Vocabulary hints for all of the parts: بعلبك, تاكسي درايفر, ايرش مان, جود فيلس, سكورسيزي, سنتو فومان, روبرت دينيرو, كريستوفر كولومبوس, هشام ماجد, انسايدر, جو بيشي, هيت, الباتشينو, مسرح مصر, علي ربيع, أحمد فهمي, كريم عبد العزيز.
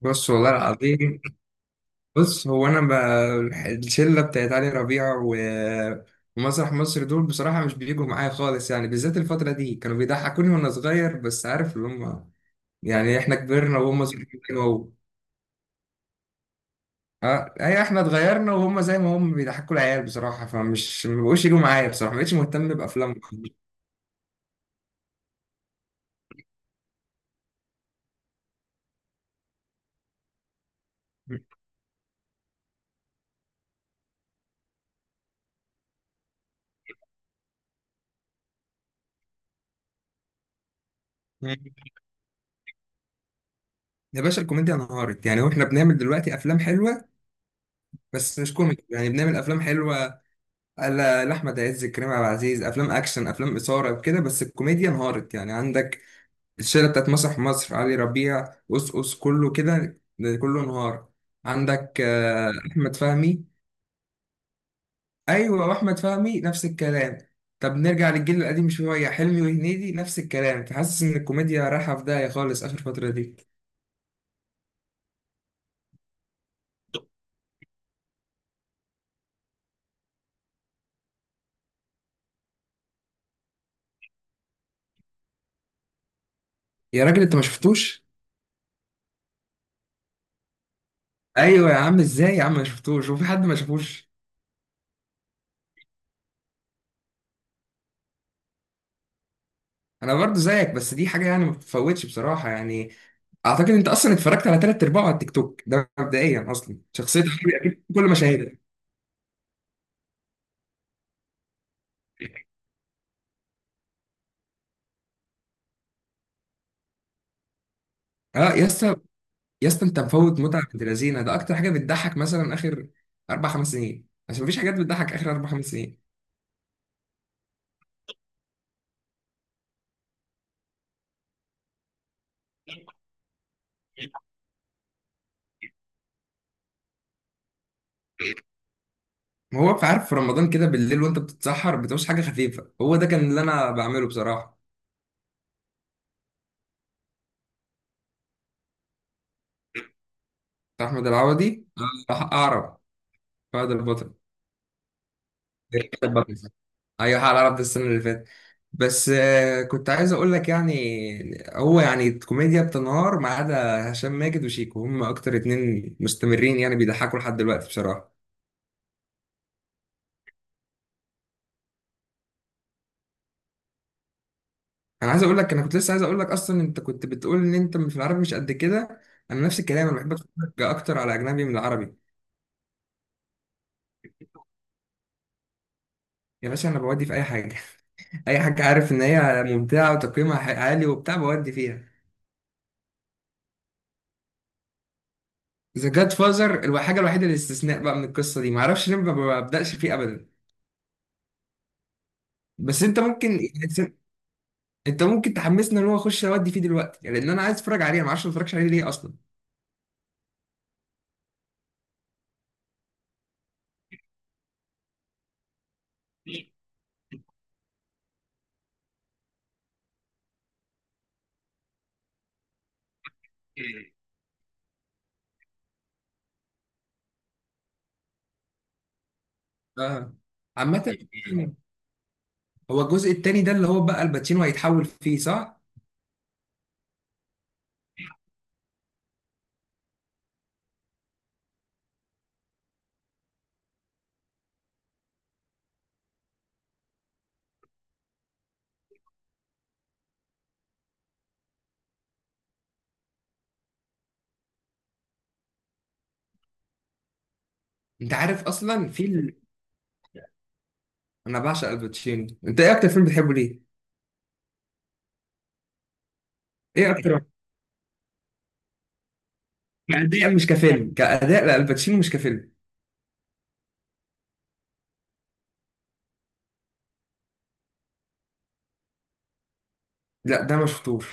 بص والله العظيم. بص هو انا الشله بتاعت علي ربيع ومسرح مصر دول بصراحه مش بيجوا معايا خالص، يعني بالذات الفتره دي كانوا بيضحكوني وانا صغير، بس عارف اللي هم يعني. احنا كبرنا وهم صغيرين كده اهو. اه ايوه، احنا اتغيرنا وهم زي ما هم بيضحكوا العيال بصراحه، فمش ما بقوش يجوا معايا بصراحه، ما بقتش مهتم بافلامهم. يا باشا الكوميديا انهارت يعني، واحنا بنعمل دلوقتي افلام حلوه بس مش كوميدي، يعني بنعمل افلام حلوه. لأحمد عز، كريم عبد العزيز، أفلام أكشن، أفلام إثارة وكده، بس الكوميديا انهارت. يعني عندك الشلة بتاعت مسرح مصر، علي ربيع، أس أس، كله كده، كله انهار. عندك أحمد فهمي. أيوة، وأحمد فهمي نفس الكلام. طب نرجع للجيل القديم شوية، حلمي وهنيدي نفس الكلام، فحاسس إن الكوميديا رايحة في داهية خالص آخر فترة دي. يا راجل أنت ما شفتوش؟ أيوة يا عم، إزاي يا عم ما شفتوش وفي حد ما شافوش؟ أنا برضو زيك، بس دي حاجة يعني ما بتتفوتش بصراحة يعني. اعتقد انت اصلا اتفرجت على ثلاث ارباعه على التيك توك ده مبدئيا، اصلا شخصيه حربي اكيد في كل مشاهدها. اه يا اسطى، يا اسطى انت مفوت متعه بنت لذينه، ده اكتر حاجه بتضحك مثلا اخر اربع خمس سنين، عشان مفيش حاجات بتضحك اخر اربع خمس سنين. ما هو بقى عارف، في رمضان كده بالليل وانت بتتسحر بتعوز حاجه خفيفه، هو ده كان اللي انا بعمله بصراحه. بتاع احمد العوضي. اعرب. فهد البطل. ايوه، حق العرب ده السنه اللي فاتت. بس كنت عايز اقول لك يعني، هو يعني الكوميديا بتنهار ما عدا هشام ماجد وشيكو، هم اكتر اتنين مستمرين يعني بيضحكوا لحد دلوقتي بصراحه. انا عايز اقول لك، انا كنت لسه عايز اقول لك اصلا، انت كنت بتقول ان انت في العربي مش قد كده، انا نفس الكلام، انا بحب اتفرج اكتر على اجنبي من العربي. يا باشا انا بودي في اي حاجه اي حاجه عارف ان هي ممتعه وتقييمها عالي وبتاع بودي فيها. ذا جاد فازر الحاجه الوحيده الاستثناء بقى من القصه دي، معرفش ليه ما ببداش فيه ابدا. بس انت ممكن، انت ممكن تحمسنا ان هو اخش اودي فيه دلوقتي، يعني لان انا عايز اتفرج عليه، انا ما اعرفش ما اتفرجش عليه ليه اصلا. اه. عامة، هو الجزء التاني ده اللي هو بقى الباتشينو هيتحول فيه صح؟ انت عارف اصلا في انا بعشق الباتشينو، انت ايه اكتر فيلم بتحبه ليه؟ ايه اكتر؟ كأداء مش كفيلم، كأداء، لا الباتشينو، مش كفيلم. لا ده ما شفتوش.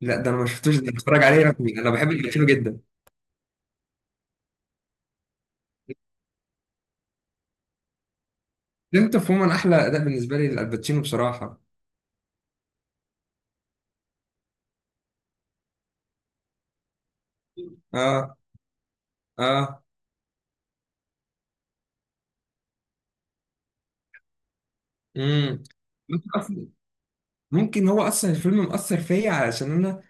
لا ده انا ما شفتوش، ده بتفرج عليه رقمي، انا بحب الباتشينو جدا. انت فهمان احلى اداء بالنسبه لي للباتشينو بصراحه. اه. اه. امم، ممكن ممكن هو اصلا الفيلم مأثر فيا علشان انا،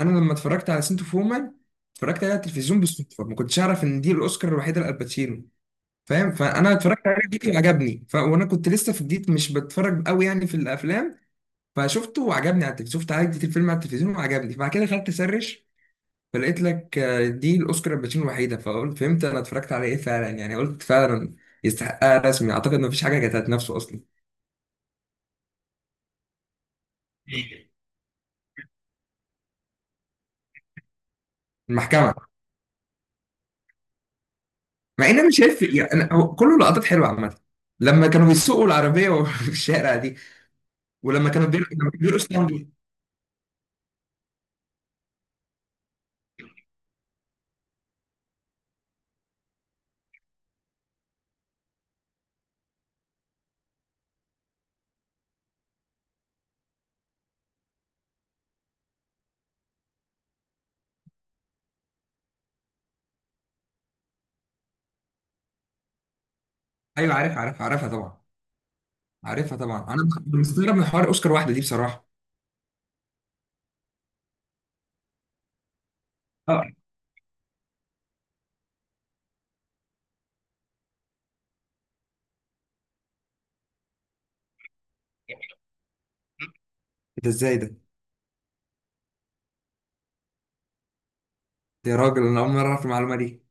انا لما اتفرجت على سنتو فومان اتفرجت عليها على التلفزيون بالصدفه، ما كنتش اعرف ان دي الاوسكار الوحيده لالباتشينو، فاهم؟ فانا اتفرجت عليه جديد وعجبني وانا كنت لسه في جديد مش بتفرج قوي يعني في الافلام، فشفته وعجبني على التلفزيون، شفت عادي الفيلم على التلفزيون وعجبني، فبعد كده دخلت اسرش، فلقيت لك دي الاوسكار الباتشينو الوحيده، فقلت فهمت انا اتفرجت على ايه فعلا، يعني قلت فعلا يستحقها رسمي، اعتقد ما فيش حاجه كانت هتنافسه اصلا. المحكمه. مع ان انا شايف يعني، أنا هو كله لقطات حلوه عامه، لما كانوا بيسوقوا العربيه في الشارع دي، لما كانوا بيرقصوا تانجو. ايوه عارف، عارف، عارفها طبعا. عارفها طبعا، انا مستغرب من حوار اوسكار واحده دي بصراحه. اه. ده ازاي ده؟ ده يا راجل انا اول مره اعرف المعلومه دي.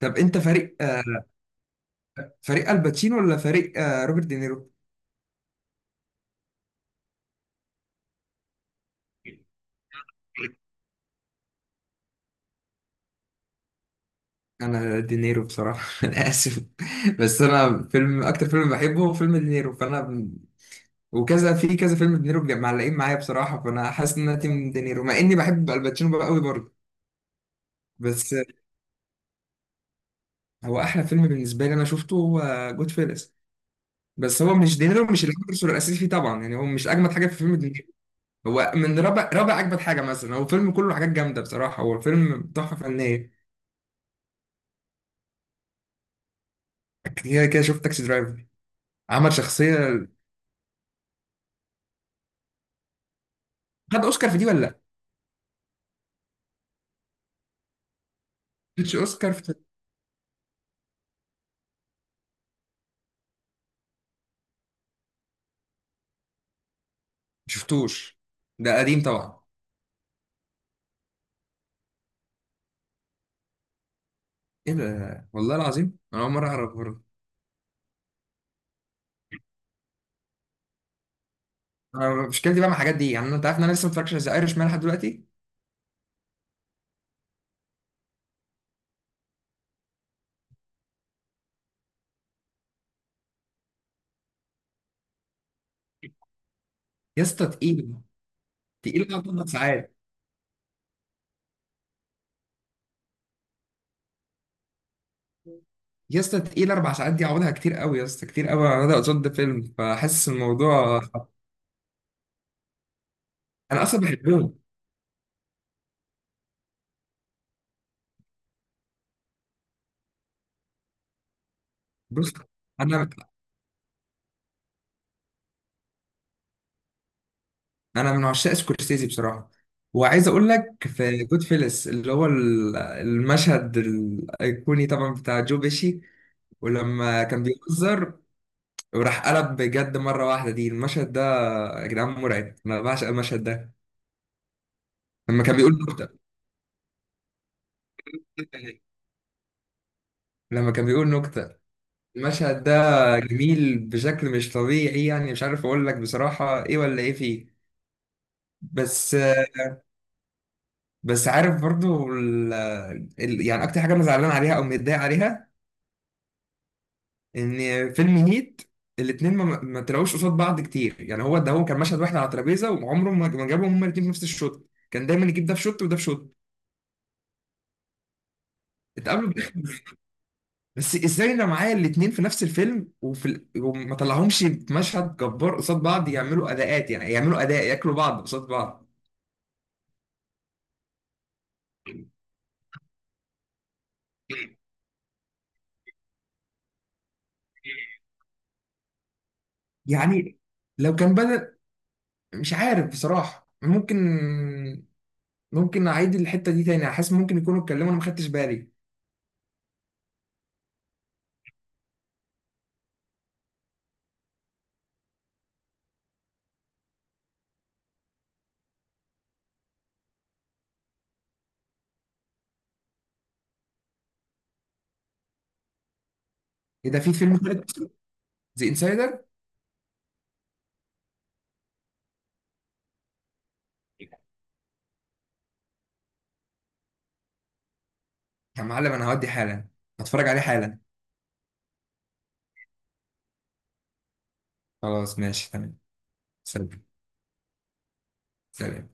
طب انت فريق فريق الباتشينو ولا فريق روبرت دينيرو؟ انا دينيرو بصراحه انا اسف. بس انا فيلم اكتر فيلم بحبه هو فيلم دينيرو فانا، وكذا في كذا فيلم دينيرو معلقين معايا بصراحه، فانا حاسس ان انا تيم دينيرو، مع اني بحب الباتشينو بقى قوي برضه. بس هو احلى فيلم بالنسبه لي انا شفته هو جود فيلس، بس هو مش دينيرو مش العنصر الاساسي فيه طبعا، يعني هو مش اجمد حاجه في فيلم دينيرو. هو من رابع رابع اجمد حاجه مثلا، هو فيلم كله حاجات جامده بصراحه، هو الفيلم تحفه فنيه. كده كده شفت تاكسي درايفر، عمل شخصيه. خد اوسكار في دي ولا لا؟ مش اوسكار في. ما شفتوش، ده قديم طبعا. ايه ده والله العظيم انا اول مره اعرف. أنا مشكلتي بقى مع الحاجات دي، يعني انت عارف ان انا لسه ما اتفرجتش على ايرش مان لحد دلوقتي. يا اسطى تقيل، تقيل أوي اربع ساعات. يا اسطى تقيل، اربع ساعات دي عوضها كتير قوي يا اسطى، كتير قوي، انا قصاد فيلم فحاسس الموضوع. انا اصلا بحبهم. بص، انا انا من عشاق سكورسيزي بصراحه، وعايز اقول لك في جود فيلس اللي هو المشهد الايقوني طبعا بتاع جو بيشي، ولما كان بيهزر وراح قلب بجد مره واحده دي، المشهد ده يا جدعان مرعب، انا بعشق المشهد ده. لما كان بيقول، لما كان بيقول نكتة، المشهد ده جميل بشكل مش طبيعي، يعني مش عارف اقول لك بصراحة ايه ولا ايه فيه. بس، بس عارف برضو يعني اكتر حاجة انا زعلان عليها او متضايق عليها، ان فيلم هيت الاتنين ما طلعوش قصاد بعض كتير، يعني هو ده، هو كان مشهد واحد على ترابيزة وعمره ما جابهم هما الاتنين في نفس الشوت، كان دايما يجيب ده في شوت وده في شوت. اتقابلوا، بس ازاي انا معايا الاتنين في نفس الفيلم وفي وما طلعهمش في مشهد جبار قصاد بعض، يعملوا اداءات، يعني يعملوا اداء ياكلوا بعض قصاد بعض. يعني لو كان بدل، مش عارف بصراحة، ممكن، ممكن اعيد الحتة دي تاني، حاسس ممكن يكونوا اتكلموا انا ما خدتش بالي. ايه ده، في فيلم تالت؟ ذا انسايدر. يا معلم انا هودي حالا، هتفرج عليه حالا. خلاص ماشي تمام. سلام. سلام.